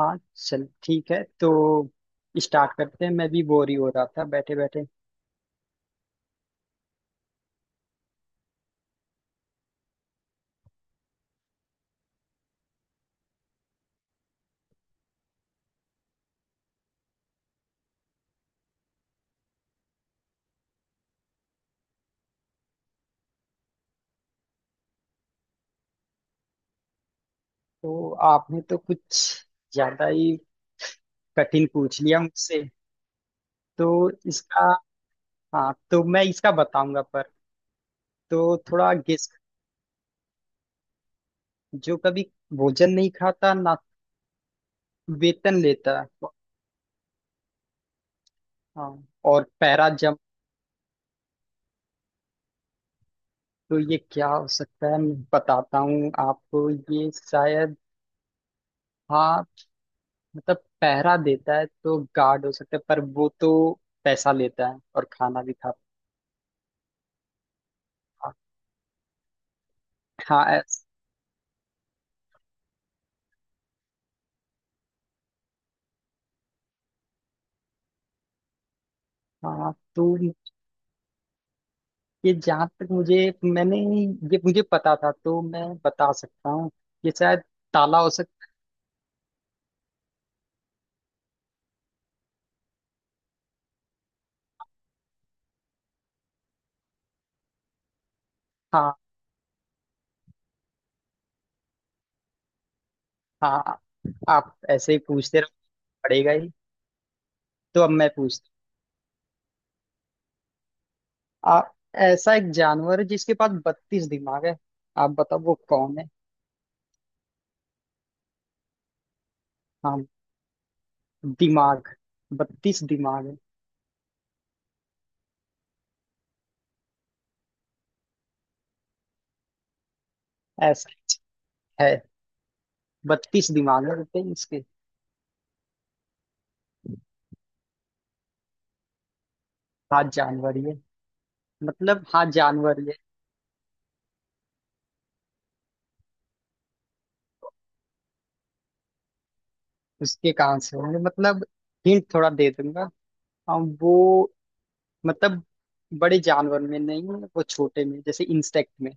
हाँ, चल ठीक है तो स्टार्ट करते हैं। मैं भी बोर ही हो रहा था बैठे बैठे। तो आपने तो कुछ ज्यादा ही कठिन पूछ लिया मुझसे। तो इसका हाँ, तो मैं इसका बताऊंगा पर। तो थोड़ा गेस। जो कभी भोजन नहीं खाता ना वेतन लेता। हाँ। और पैरा जंप। तो ये क्या हो सकता है, मैं बताता हूँ आपको। ये शायद। हाँ, मतलब पहरा देता है तो गार्ड हो सकता है पर वो तो पैसा लेता है और खाना भी खाता है। हाँ, हाँ, तो ये जहाँ तक मुझे मैंने ये मुझे पता था तो मैं बता सकता हूँ। ये शायद ताला हो सकता। हाँ, हाँ, आप ऐसे ही पूछते रहो पड़ेगा ही। तो अब मैं पूछता हूँ। आप, ऐसा एक जानवर है जिसके पास 32 दिमाग है। आप बताओ वो कौन है। हाँ। दिमाग। 32 दिमाग है। ऐसा है। 32 दिमाग है। बताइए इसके। हाँ, जानवर ये मतलब। हाँ, जानवर ये। उसके कहाँ से होंगे मतलब। हिंट थोड़ा दे दूंगा। हाँ, वो मतलब बड़े जानवर में नहीं है, वो छोटे में, जैसे इंसेक्ट में।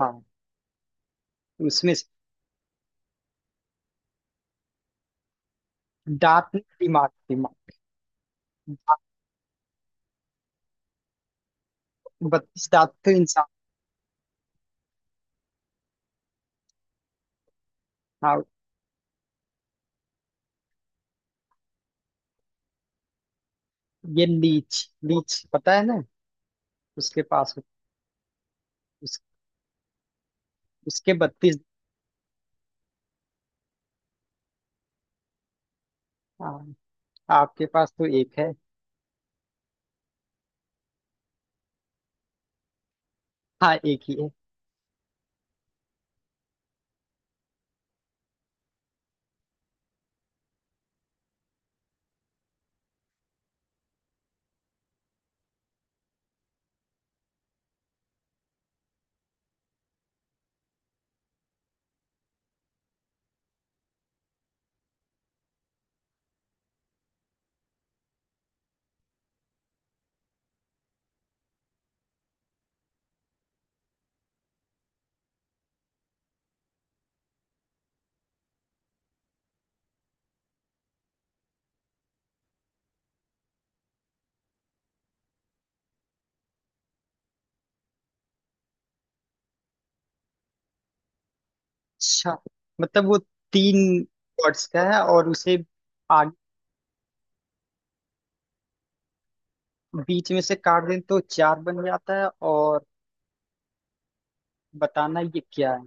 हाँ, उसमें से- दांत नहीं, दिमाग दिमाग। दांत- 32 दांत तो इंसान। हाँ, ये लीच लीच पता है ना। उसके पास। उस, उसके 32। हाँ, आपके पास तो एक है। हाँ, एक ही है। अच्छा, मतलब वो तीन वर्ड्स का है और उसे आगे बीच में से काट दें तो चार बन जाता है। और बताना ये क्या है।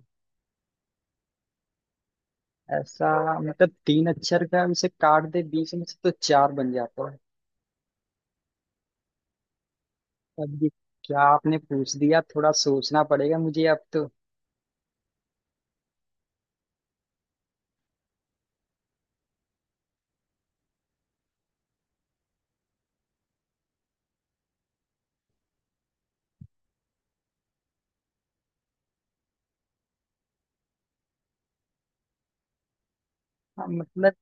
ऐसा मतलब तीन अक्षर का, उसे काट दे बीच में से तो चार बन जाता है। अब ये क्या आपने पूछ दिया, थोड़ा सोचना पड़ेगा मुझे अब तो। हाँ, मतलब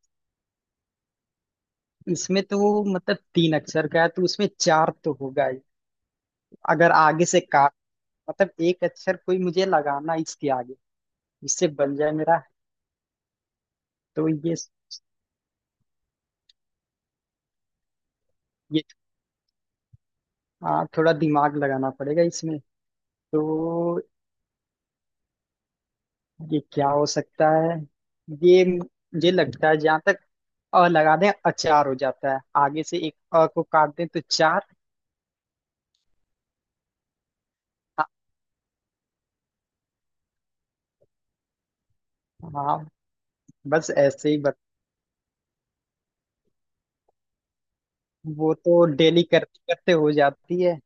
इसमें तो वो मतलब तीन अक्षर का है तो उसमें चार तो होगा ही। अगर आगे से काट मतलब एक अक्षर कोई मुझे लगाना है इसके आगे, इससे बन जाए मेरा। तो ये हाँ, थोड़ा दिमाग लगाना पड़ेगा इसमें। तो ये क्या हो सकता है ये, मुझे लगता है जहां तक अ लगा दें अचार हो जाता है, आगे से एक अ को काट दें तो चार। हाँ, हाँ, बस ऐसे ही वो तो डेली करते करते हो जाती है।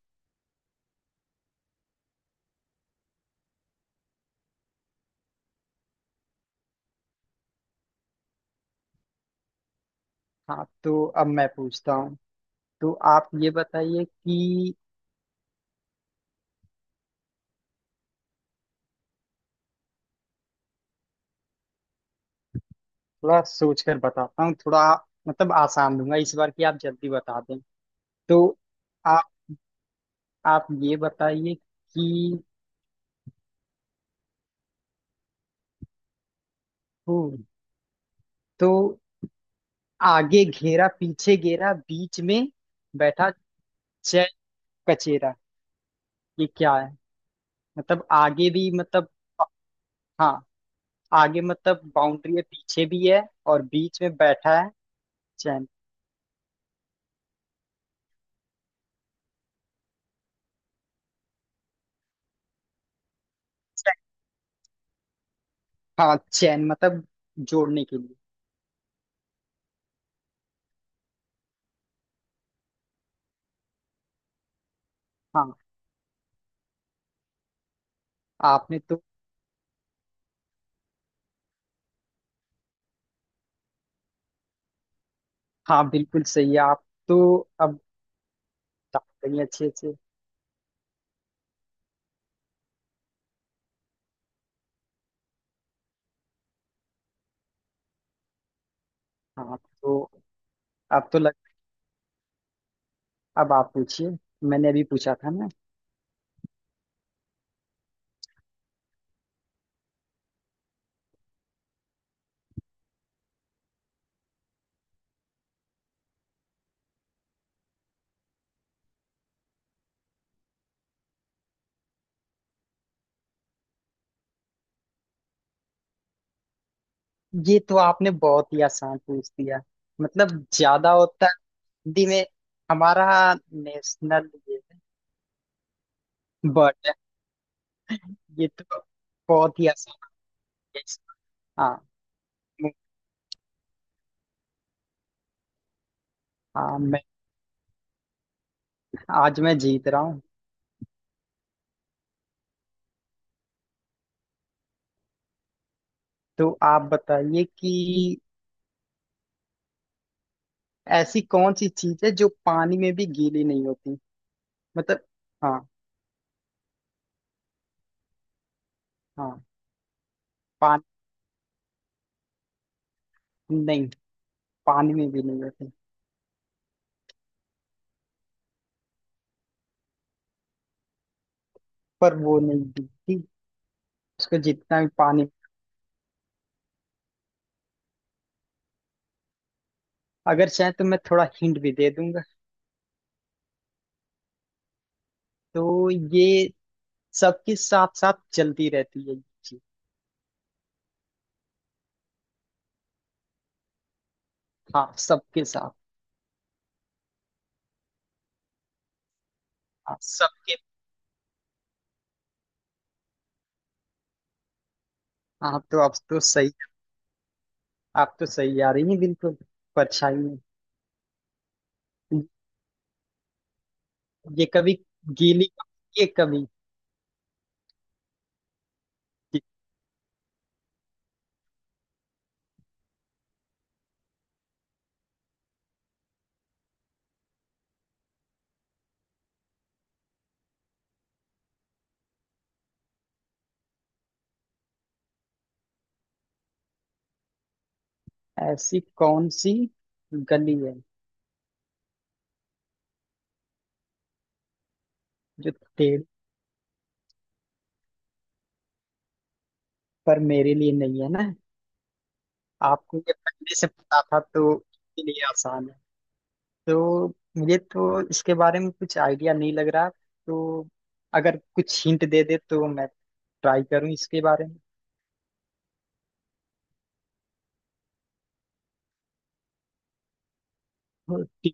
हाँ, तो अब मैं पूछता हूँ। तो आप ये बताइए कि थोड़ा सोच कर बताता हूँ थोड़ा, मतलब आसान दूंगा इस बार की आप जल्दी बता दें। तो आप आप ये बताइए कि हम्म, तो आगे घेरा पीछे घेरा बीच में बैठा चैन कचेरा, ये क्या है मतलब। आगे भी मतलब। हाँ, आगे मतलब बाउंड्री है पीछे भी है, और बीच में बैठा है चैन। चैन। हाँ, चैन मतलब जोड़ने के लिए। हाँ, आपने तो हाँ, बिल्कुल सही है आप तो। अब बता रही हैं अच्छे से। हाँ, तो अब तो लग अब आप पूछिए। मैंने अभी पूछा था ना। ये तो आपने बहुत ही आसान पूछ दिया। मतलब ज्यादा होता है हिंदी में। हमारा नेशनल ये है बट ये तो बहुत ही आसान हो गया इसका। हाँ, मैं- हाँ, मैं आज मैं जीत रहा हूँ। तो आप बताइए कि ऐसी कौन सी चीज है जो पानी में भी गीली नहीं होती मतलब। हाँ, हाँ, पानी नहीं, पानी में भी नहीं होती। पर वो नहीं भीगती, उसको जितना भी पानी। अगर चाहे तो मैं थोड़ा हिंट भी दे दूंगा। तो ये सबके साथ साथ चलती रहती है ये चीज। हाँ, सबके साथ। आप सबके आप तो आप तो सही आप तो सही आ रही हैं बिल्कुल परछाई में। ये कभी गीली कभी- ये कभी ऐसी कौन सी गली है जो तेरे पर मेरे लिए नहीं है ना। आपको ये पहले से पता था तो इसके लिए आसान है। तो मुझे तो इसके बारे में कुछ आइडिया नहीं लग रहा, तो अगर कुछ हिंट दे दे तो मैं ट्राई करूं इसके बारे में। और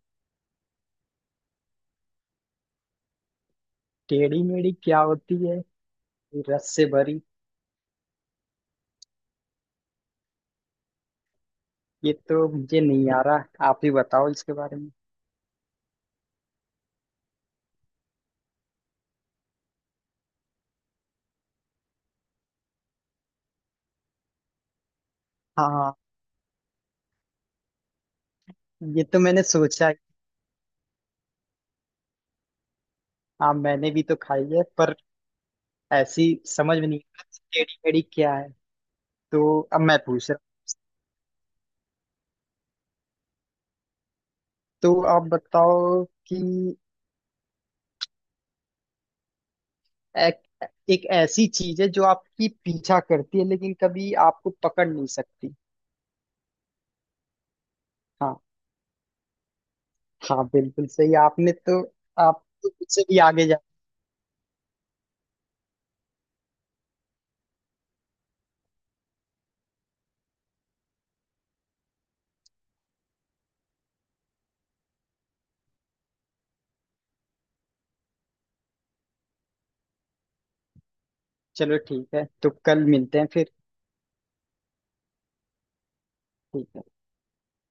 टेढ़ी मेढ़ी क्या होती है, रस से भरी। ये तो मुझे नहीं आ रहा, आप ही बताओ इसके बारे में। हाँ, ये तो मैंने सोचा है। हाँ, मैंने भी तो खाई है पर ऐसी समझ में नहीं आ रहा कि टेढ़ी मेढ़ी क्या है। तो अब मैं पूछ रहा हूँ। तो आप बताओ कि एक, एक ऐसी चीज है जो आपकी पीछा करती है लेकिन कभी आपको पकड़ नहीं सकती। हाँ, हाँ, बिल्कुल सही आपने तो। आप तो मुझसे भी आगे जा। चलो ठीक है तो कल मिलते हैं फिर। ठीक है।